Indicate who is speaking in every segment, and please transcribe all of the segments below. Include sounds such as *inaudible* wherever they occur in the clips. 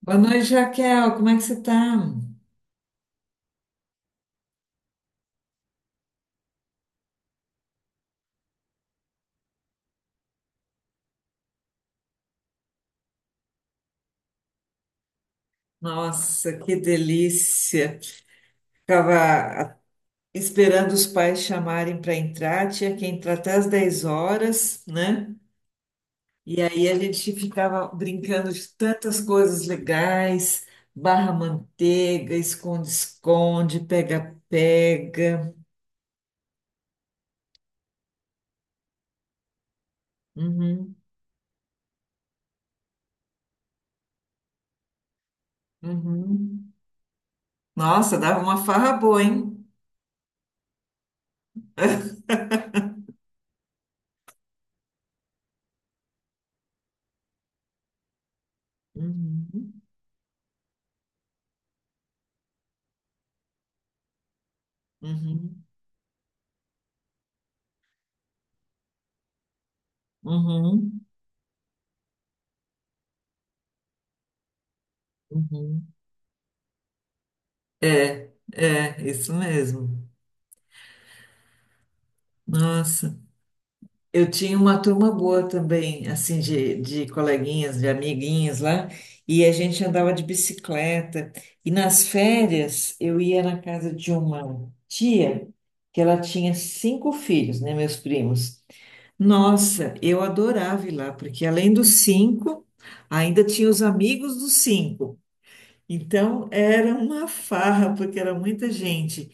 Speaker 1: Boa noite, Raquel. Como é que você tá? Nossa, que delícia. Ficava a- esperando os pais chamarem para entrar, tinha que entrar até às 10 horas, né? E aí a gente ficava brincando de tantas coisas legais, barra manteiga, esconde-esconde, pega-pega. Uhum, uhum. Nossa, dava uma farra boa, hein? *laughs* Uhum, uhum, uhum, uhum. É, é, isso mesmo. Nossa, eu tinha uma turma boa também, assim, de coleguinhas, de amiguinhas lá, e a gente andava de bicicleta. E nas férias, eu ia na casa de uma tia, que ela tinha cinco filhos, né, meus primos. Nossa, eu adorava ir lá, porque além dos cinco, ainda tinha os amigos dos cinco. Então, era uma farra, porque era muita gente.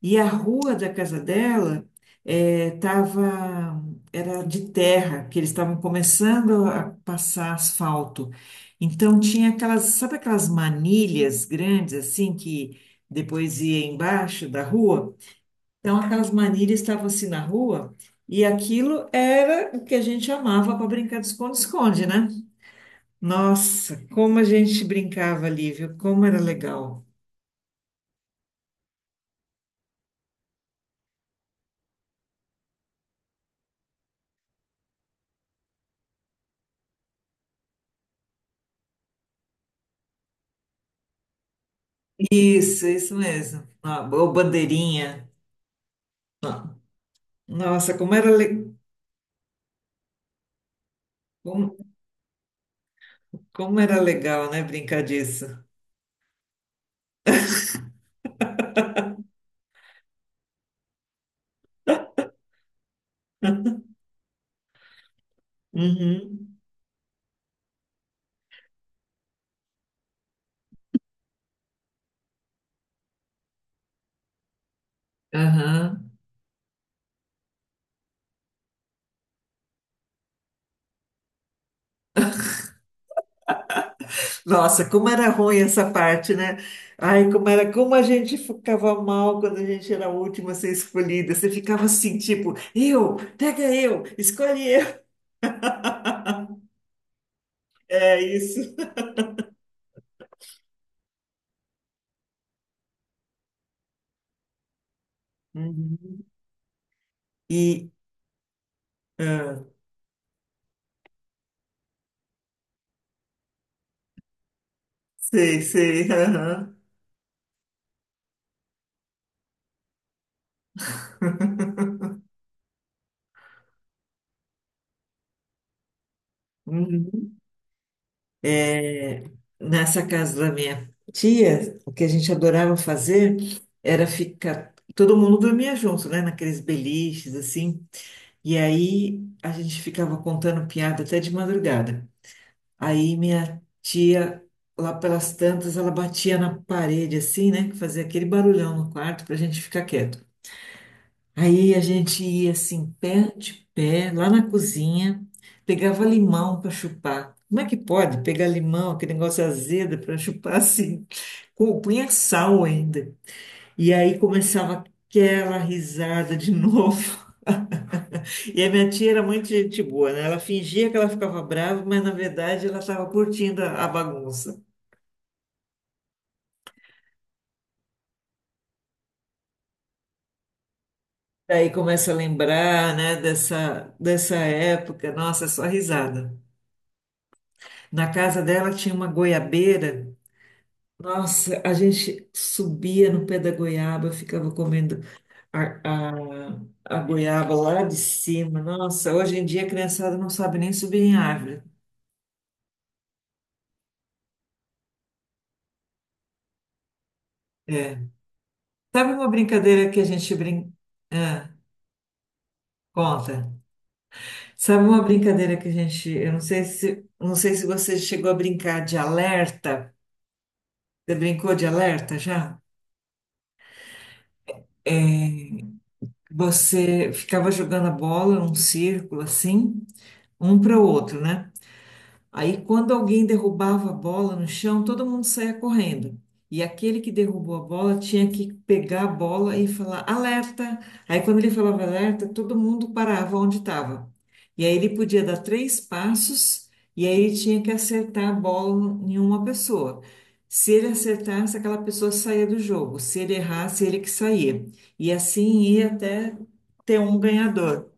Speaker 1: E a rua da casa dela tava, era de terra, que eles estavam começando a passar asfalto. Então tinha aquelas, sabe aquelas manilhas grandes assim que depois ia embaixo da rua? Então aquelas manilhas estavam assim na rua e aquilo era o que a gente amava para brincar de esconde-esconde, né? Nossa, como a gente brincava ali, viu? Como era legal. Isso mesmo. Ó, ou bandeirinha. Nossa, como, como era legal, né, brincar disso. *laughs* Uhum. Aham. Nossa, como era ruim essa parte, né? Ai, como era, como a gente ficava mal quando a gente era a última a ser escolhida. Você ficava assim, tipo, eu, pega eu, escolhe eu. *laughs* É isso. Uhum. E, ah, Sei, sei, aham. Uhum. É, nessa casa da minha tia, o que a gente adorava fazer era ficar. Todo mundo dormia junto, né? Naqueles beliches, assim. E aí a gente ficava contando piada até de madrugada. Aí minha tia, lá pelas tantas, ela batia na parede, assim, né? Que fazia aquele barulhão no quarto pra gente ficar quieto. Aí a gente ia assim, pé de pé, lá na cozinha, pegava limão para chupar. Como é que pode pegar limão, aquele negócio azedo, para chupar *laughs* assim? Com, punha sal ainda. E aí começava aquela risada de novo. *laughs* E a minha tia era muito gente boa, né? Ela fingia que ela ficava brava, mas na verdade ela estava curtindo a bagunça. Daí começa a lembrar, né, dessa época, nossa, é só risada. Na casa dela tinha uma goiabeira. Nossa, a gente subia no pé da goiaba, ficava comendo a goiaba lá de cima. Nossa, hoje em dia a criançada não sabe nem subir em árvore. É. Sabe uma brincadeira que a gente brinca? Ah, conta. Sabe uma brincadeira que a gente. Eu não sei se, não sei se você chegou a brincar de alerta. Você brincou de alerta já? É, você ficava jogando a bola num círculo assim, um para o outro, né? Aí, quando alguém derrubava a bola no chão, todo mundo saía correndo. E aquele que derrubou a bola tinha que pegar a bola e falar alerta. Aí, quando ele falava alerta, todo mundo parava onde estava. E aí, ele podia dar 3 passos e aí ele tinha que acertar a bola em uma pessoa. Se ele acertasse, aquela pessoa saía do jogo. Se ele errasse, ele que saía. E assim ia até ter um ganhador.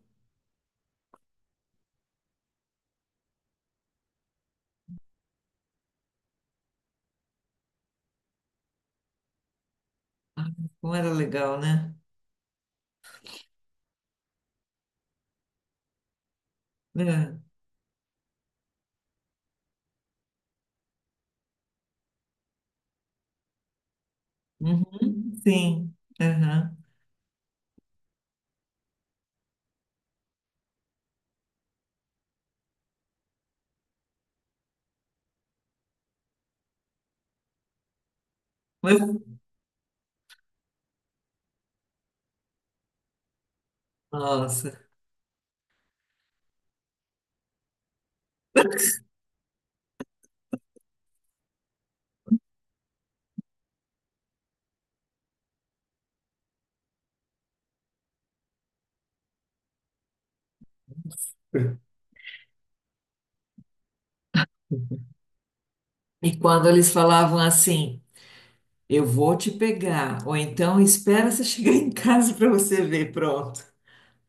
Speaker 1: Como era legal, né? É. Uhum, sim. Aham. Mas, nossa. E quando eles falavam assim, eu vou te pegar, ou então espera você chegar em casa para você ver, pronto.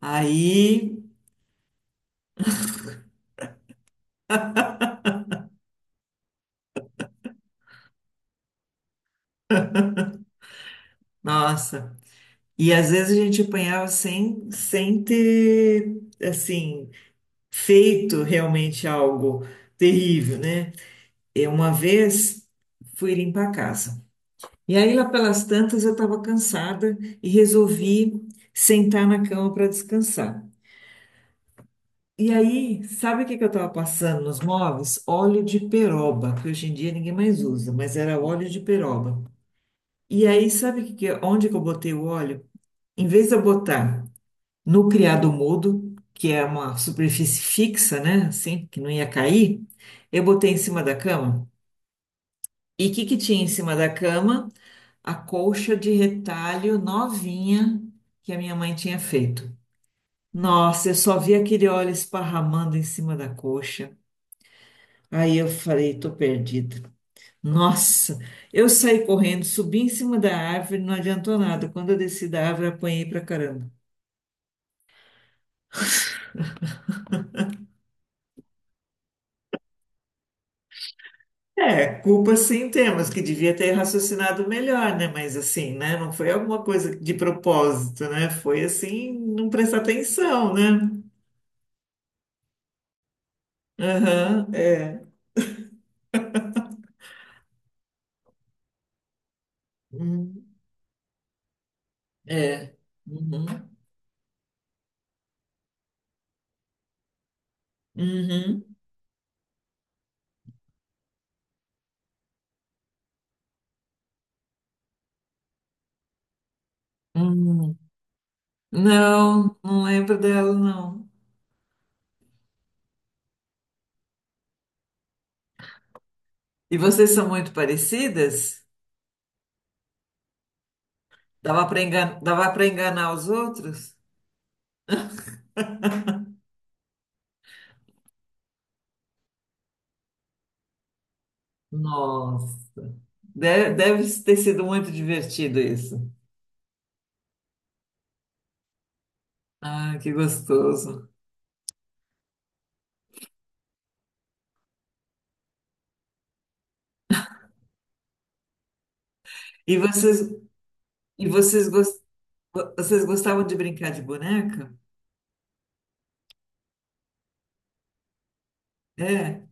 Speaker 1: Aí, nossa. E às vezes a gente apanhava sem ter, assim, feito realmente algo terrível, né? Eu uma vez fui limpar a casa. E aí, lá pelas tantas, eu estava cansada e resolvi sentar na cama para descansar. E aí, sabe o que que eu estava passando nos móveis? Óleo de peroba, que hoje em dia ninguém mais usa, mas era óleo de peroba. E aí, sabe que, onde que eu botei o óleo? Em vez de eu botar no criado mudo, que é uma superfície fixa, né? Assim, que não ia cair, eu botei em cima da cama. E o que que tinha em cima da cama? A colcha de retalho novinha que a minha mãe tinha feito. Nossa, eu só vi aquele óleo esparramando em cima da colcha. Aí eu falei, tô perdida. Nossa, eu saí correndo, subi em cima da árvore, não adiantou nada. Quando eu desci da árvore, apanhei pra caramba. É, culpa sim temos, que devia ter raciocinado melhor, né? Mas assim, né? Não foi alguma coisa de propósito, né? Foi assim, não prestar atenção, né? Aham, é. Hum. É. Uhum. Uhum. Uhum. Não, não lembro dela, não. E vocês são muito parecidas? Dava para enganar os outros? Nossa, deve, deve ter sido muito divertido isso. Ah, que gostoso. E vocês, e vocês, gos- vocês gostavam de brincar de boneca? É.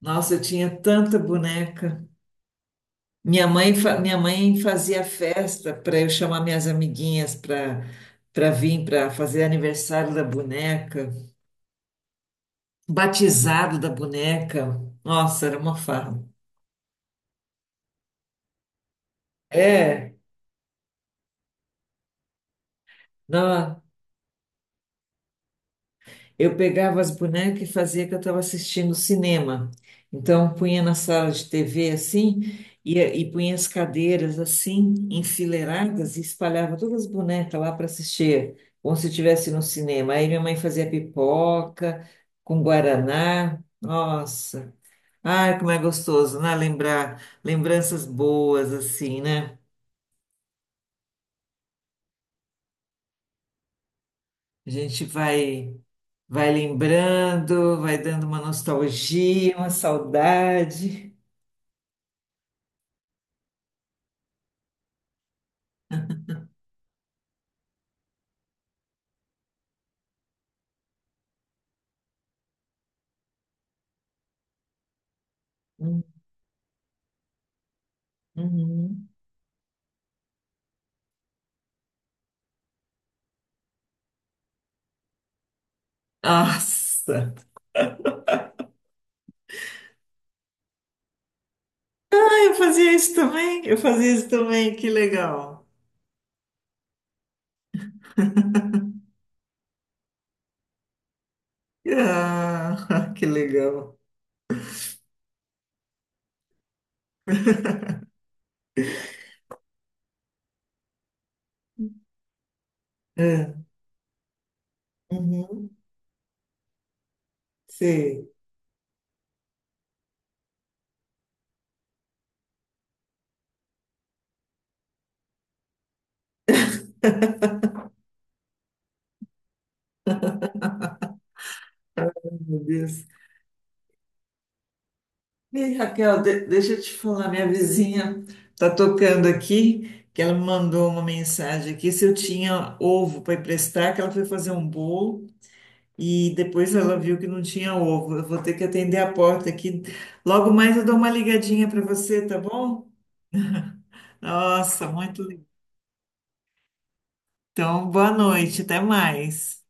Speaker 1: Nossa, eu tinha tanta boneca. Minha mãe, minha mãe fazia festa para eu chamar minhas amiguinhas para para vir para fazer aniversário da boneca, batizado da boneca. Nossa, era uma farra. É, não. Eu pegava as bonecas e fazia que eu estava assistindo cinema. Então, punha na sala de TV assim, e punha as cadeiras assim, enfileiradas, e espalhava todas as bonecas lá para assistir, como se estivesse no cinema. Aí minha mãe fazia pipoca com guaraná. Nossa, ai, como é gostoso, né? Lembrar lembranças boas assim, né? A gente vai, vai lembrando, vai dando uma nostalgia, uma saudade. Uhum. Nossa! Ah, eu fazia isso também, eu fazia isso também, que legal. Ah, *laughs* que legal. É. Uhum. Sei, meu Deus. Ei, Raquel, deixa eu te falar, minha vizinha tá tocando aqui, que ela me mandou uma mensagem aqui se eu tinha ovo para emprestar, que ela foi fazer um bolo e depois ela viu que não tinha ovo. Eu vou ter que atender a porta aqui. Logo mais eu dou uma ligadinha para você, tá bom? Nossa, muito. Então, boa noite, até mais.